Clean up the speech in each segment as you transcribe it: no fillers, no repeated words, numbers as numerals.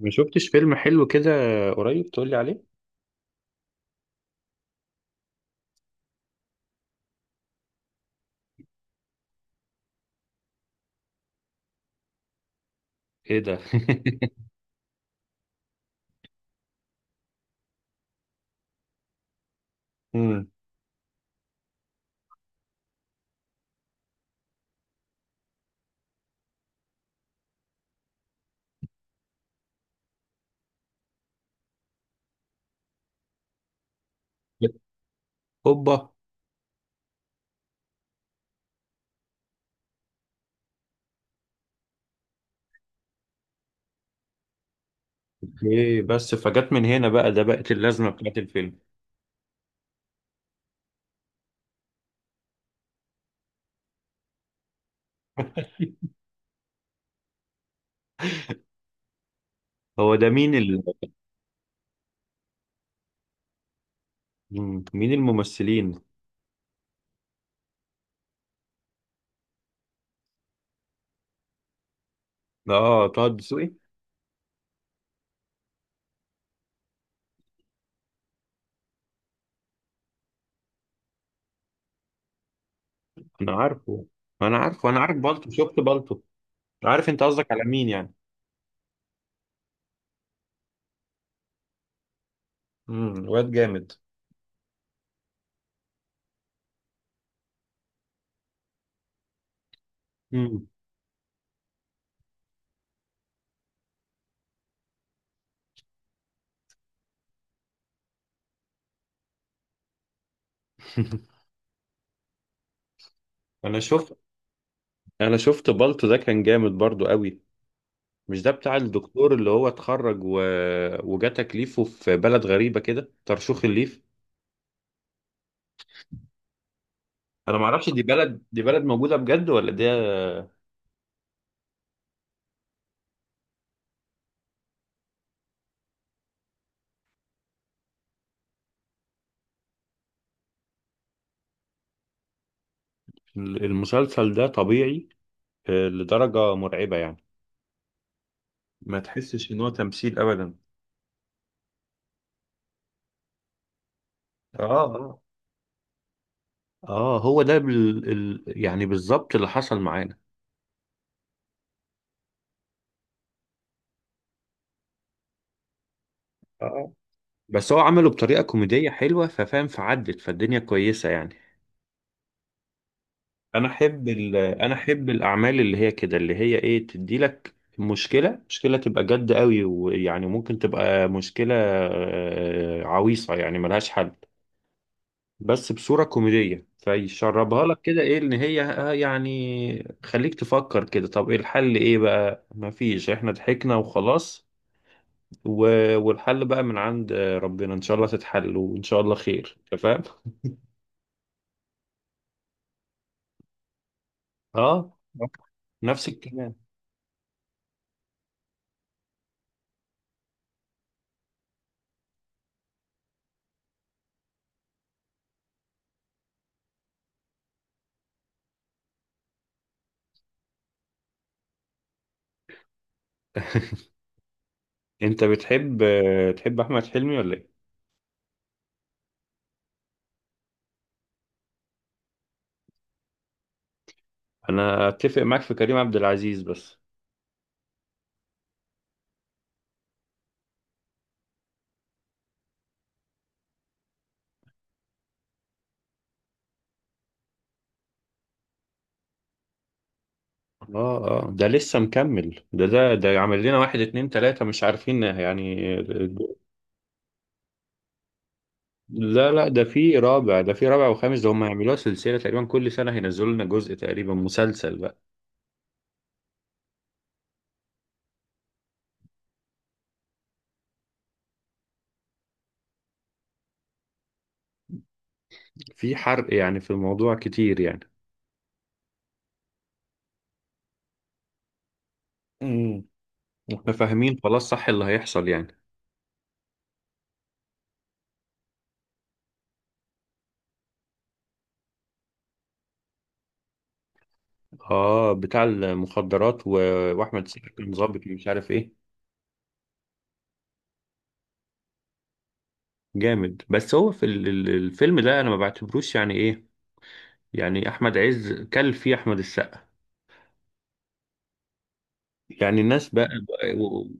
ما شفتش فيلم حلو كده قريب تقول لي عليه. ايه ده؟ امم هوبا. ايه بس فجت من هنا بقى، ده بقت اللازمه بتاعت الفيلم. هو ده مين ال...؟ مم، مين الممثلين؟ اه طه دسوقي. انا عارفه انا عارفه، انا عارف بالطو، شفت بالطو. عارف انت قصدك على مين يعني. امم، واد جامد. امم. انا شفت، انا شفت بالطو ده كان جامد برضو قوي. مش ده بتاع الدكتور اللي هو اتخرج و... وجا تكليفه في بلد غريبه كده، ترشيح الليف؟ انا ما اعرفش دي بلد، دي بلد موجودة بجد ولا ده؟ المسلسل ده طبيعي، آه، لدرجة مرعبة يعني. ما تحسش ان هو تمثيل ابدا. اه اه اه، هو ده بال... ال... يعني بالظبط اللي حصل معانا. اه بس هو عمله بطريقة كوميدية حلوة، ففاهم، فعدت، فالدنيا كويسة يعني. انا احب ال... انا احب الاعمال اللي هي كده، اللي هي ايه، تدي لك مشكلة تبقى جد قوي، ويعني ممكن تبقى مشكلة آه، عويصة يعني ملهاش حل، بس بصورة كوميدية فيشربها لك كده، ايه ان هي آه، يعني خليك تفكر كده، طب ايه الحل؟ ايه بقى؟ مفيش، احنا ضحكنا وخلاص. و... والحل بقى من عند آه، ربنا، ان شاء الله تتحل، وان شاء الله خير. أنت فاهم. اه. نفس الكلام. انت بتحب آه، تحب احمد حلمي ولا ايه؟ انا اتفق معاك في كريم عبد العزيز بس. اه اه، ده لسه مكمل، ده عامل لنا واحد اتنين تلاتة مش عارفين يعني. لا لا، ده في رابع، ده في رابع وخامس، ده هم هيعملوها سلسلة تقريبا، كل سنة هينزلوا لنا جزء تقريبا، مسلسل بقى. في حرق يعني، في الموضوع كتير يعني. امم، احنا فاهمين خلاص صح اللي هيحصل يعني. اه بتاع المخدرات و... واحمد سعد كان ظابط مش عارف ايه. جامد، بس هو في ال- ال- الفيلم ده انا ما بعتبروش يعني ايه. يعني احمد عز كل فيه احمد السقا. يعني الناس بقى بقى- و...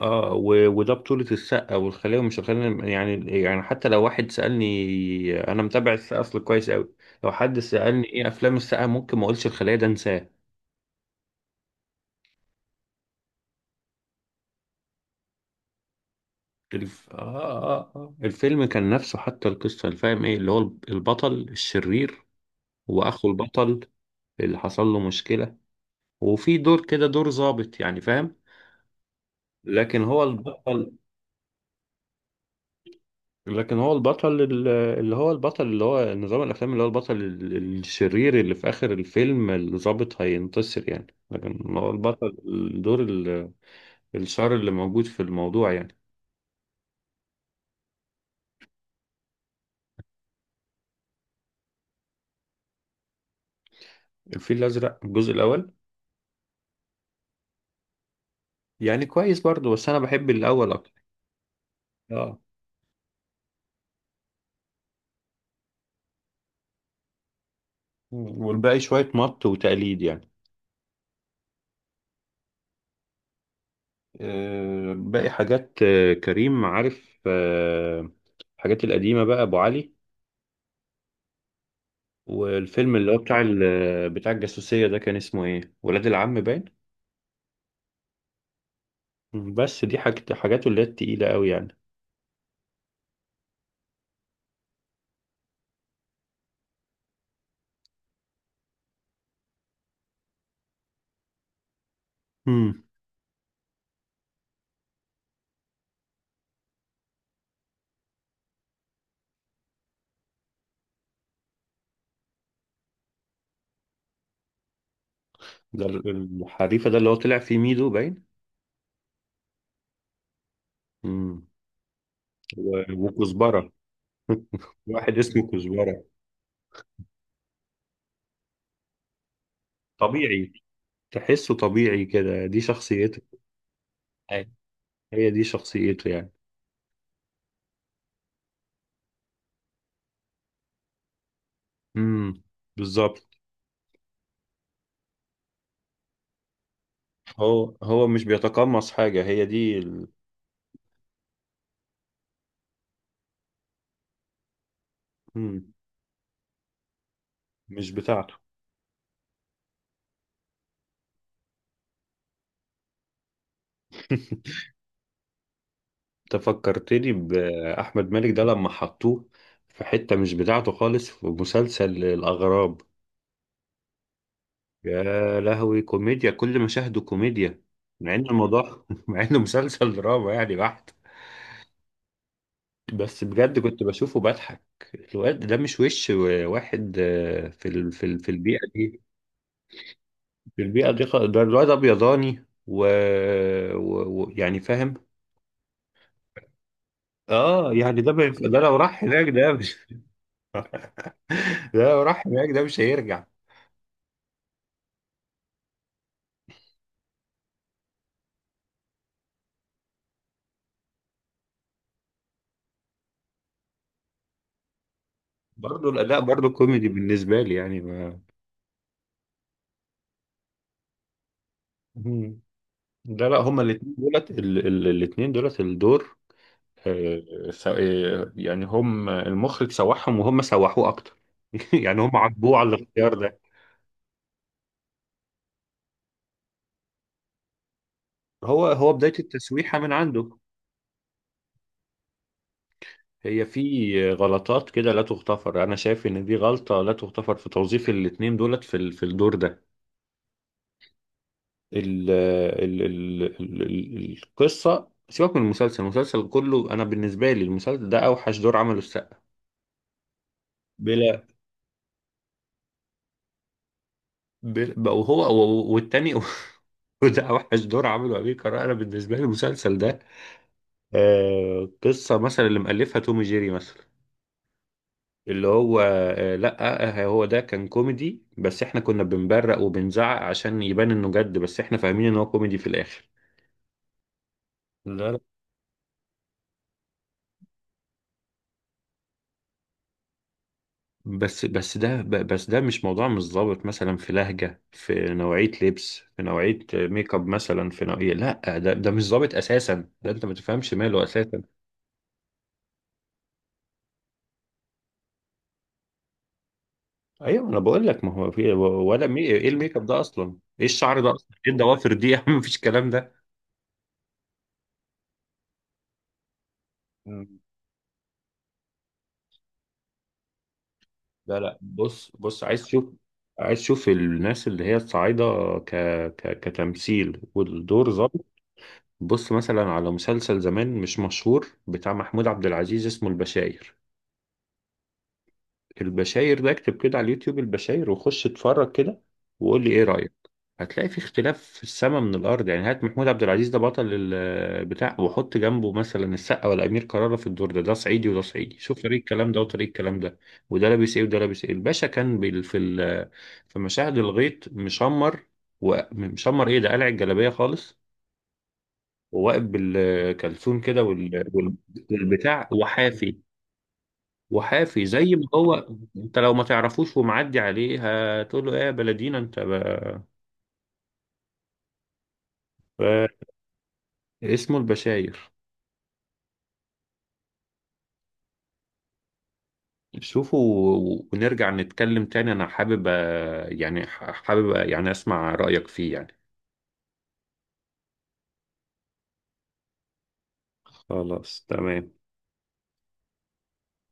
اه و... وده بطولة السقا، والخلية ومش الخلية يعني، يعني حتى لو واحد سألني، انا متابع السقا اصل كويس قوي. لو حد سألني ايه افلام السقا، ممكن ما اقولش الخلية، ده انساه. الف... آه, آه, آه. الفيلم كان نفسه حتى، القصة اللي فاهم ايه اللي هو البطل الشرير، واخو البطل اللي حصل له مشكلة، وفي دور كده، دور ظابط، يعني فاهم. لكن هو البطل. لكن هو البطل ال- اللي هو البطل، اللي هو نظام الافلام، اللي هو البطل ال- الشرير، اللي في اخر الفيلم الضابط هينتصر يعني، لكن هو البطل، الدور ال- الشر اللي موجود في الموضوع يعني. الفيل الازرق الجزء الاول. يعني كويس برضه، بس انا بحب الاول اكتر. اه. والباقي شوية مط وتقليد يعني. آه، باقي حاجات آه، كريم عارف آه، الحاجات القديمة بقى، ابو علي. والفيلم اللي هو بتاع ال- بتاع الجاسوسية ده كان اسمه ايه، ولاد العم باين. بس دي حاجة، حاجاته اللي هي التقيلة قوي يعني. امم. ده ال- الحريفة ده اللي هو طلع فيه ميدو باين. امم. و- وكزبرة. واحد اسمه كزبرة. طبيعي، تحسه طبيعي كده، دي شخصيته. أيوة. هي دي شخصيته يعني. امم، بالظبط. هو هو مش بيتقمص حاجة، هي دي ال... مم. مش بتاعته. انت فكرتني بأحمد مالك ده لما حطوه في حتة مش بتاعته خالص، في مسلسل الأغراب. يا لهوي، كوميديا، كل مشاهده كوميديا. مع ان الموضوع مع انه مسلسل دراما يعني بحت. بس بجد كنت بشوفه بضحك. الواد ده مش وش واحد آه، في ال... في ال... في البيئة دي. في البيئة دي خ- ده الواد ابيضاني و... و... و... يعني فاهم. اه يعني ده ما ينفع- ده لو راح هناك ده مش... ده لو راح هناك ده مش هيرجع. برضه الاداء برضه كوميدي بالنسبة لي يعني ما... مم. لا لا، هما الاثنين دولت ال... ال... الاثنين دولت الدور. آه، س- آه، يعني هم المخرج سوحهم وهم سوحوه اكتر. يعني هم عاتبوه على الاختيار ده. هو هو بداية التسويحة من عنده. هي في غلطات كده لا تغتفر، انا شايف ان دي غلطة لا تغتفر في توظيف الاتنين دولت في ال- في الدور ده. ال القصة سيبك من المسلسل، المسلسل كله انا بالنسبة لي، المسلسل ده اوحش دور عمله السقا. بلا. بلا وهو والتاني. وده اوحش دور عمله امير كرارة، انا بالنسبة لي المسلسل ده آه، قصة مثلا اللي مألفها توم جيري مثلا، اللي هو آه، لأ آه، هو ده كان كوميدي بس احنا كنا بنبرق وبنزعق عشان يبان انه جد، بس احنا فاهمين ان هو كوميدي في الآخر. لا لا. بس ده ب- بس ده مش موضوع مش ظابط، مثلا في لهجة، في نوعية لبس، في نوعية ميك اب، مثلا في نوعية، لأ ده ده مش ظابط أساسا، ده أنت ما تفهمش ماله أساسا. أيوه أنا بقول لك، ما هو في ولا مي... إيه الميك اب ده أصلا؟ إيه الشعر ده أصلا؟ إيه الضوافر دي؟ مفيش الكلام ده. لا لا، بص، عايز تشوف، عايز تشوف الناس اللي هي الصعايدة ك... ك... كتمثيل والدور ظابط. بص مثلا على مسلسل زمان مش مشهور بتاع محمود عبد العزيز، اسمه البشاير. البشاير ده اكتب كده على اليوتيوب، البشاير، وخش اتفرج كده وقول لي ايه رأيك. هتلاقي في اختلاف في السما من الارض يعني. هات محمود عبد العزيز ده بطل البتاع، وحط جنبه مثلا السقا ولا امير كرارة في الدور ده، ده صعيدي وده صعيدي، شوف طريقة الكلام ده وطريقة الكلام ده، وده لابس ايه وده لابس ايه. الباشا كان بال- في ال- في مشاهد الغيط مشمر، ومشمر ايه، ده قلع الجلابية خالص، وواقف بالكلسون كده، وال- وال- والبتاع، وحافي، وحافي زي ما هو. انت لو ما تعرفوش ومعدي عليه، هتقول له ايه يا بلدينا انت بقى. ف- اسمه البشاير. شوفوا، و- ونرجع نتكلم تاني. انا حابب أ- يعني ح- حابب أ- يعني اسمع رأيك فيه يعني. خلاص تمام.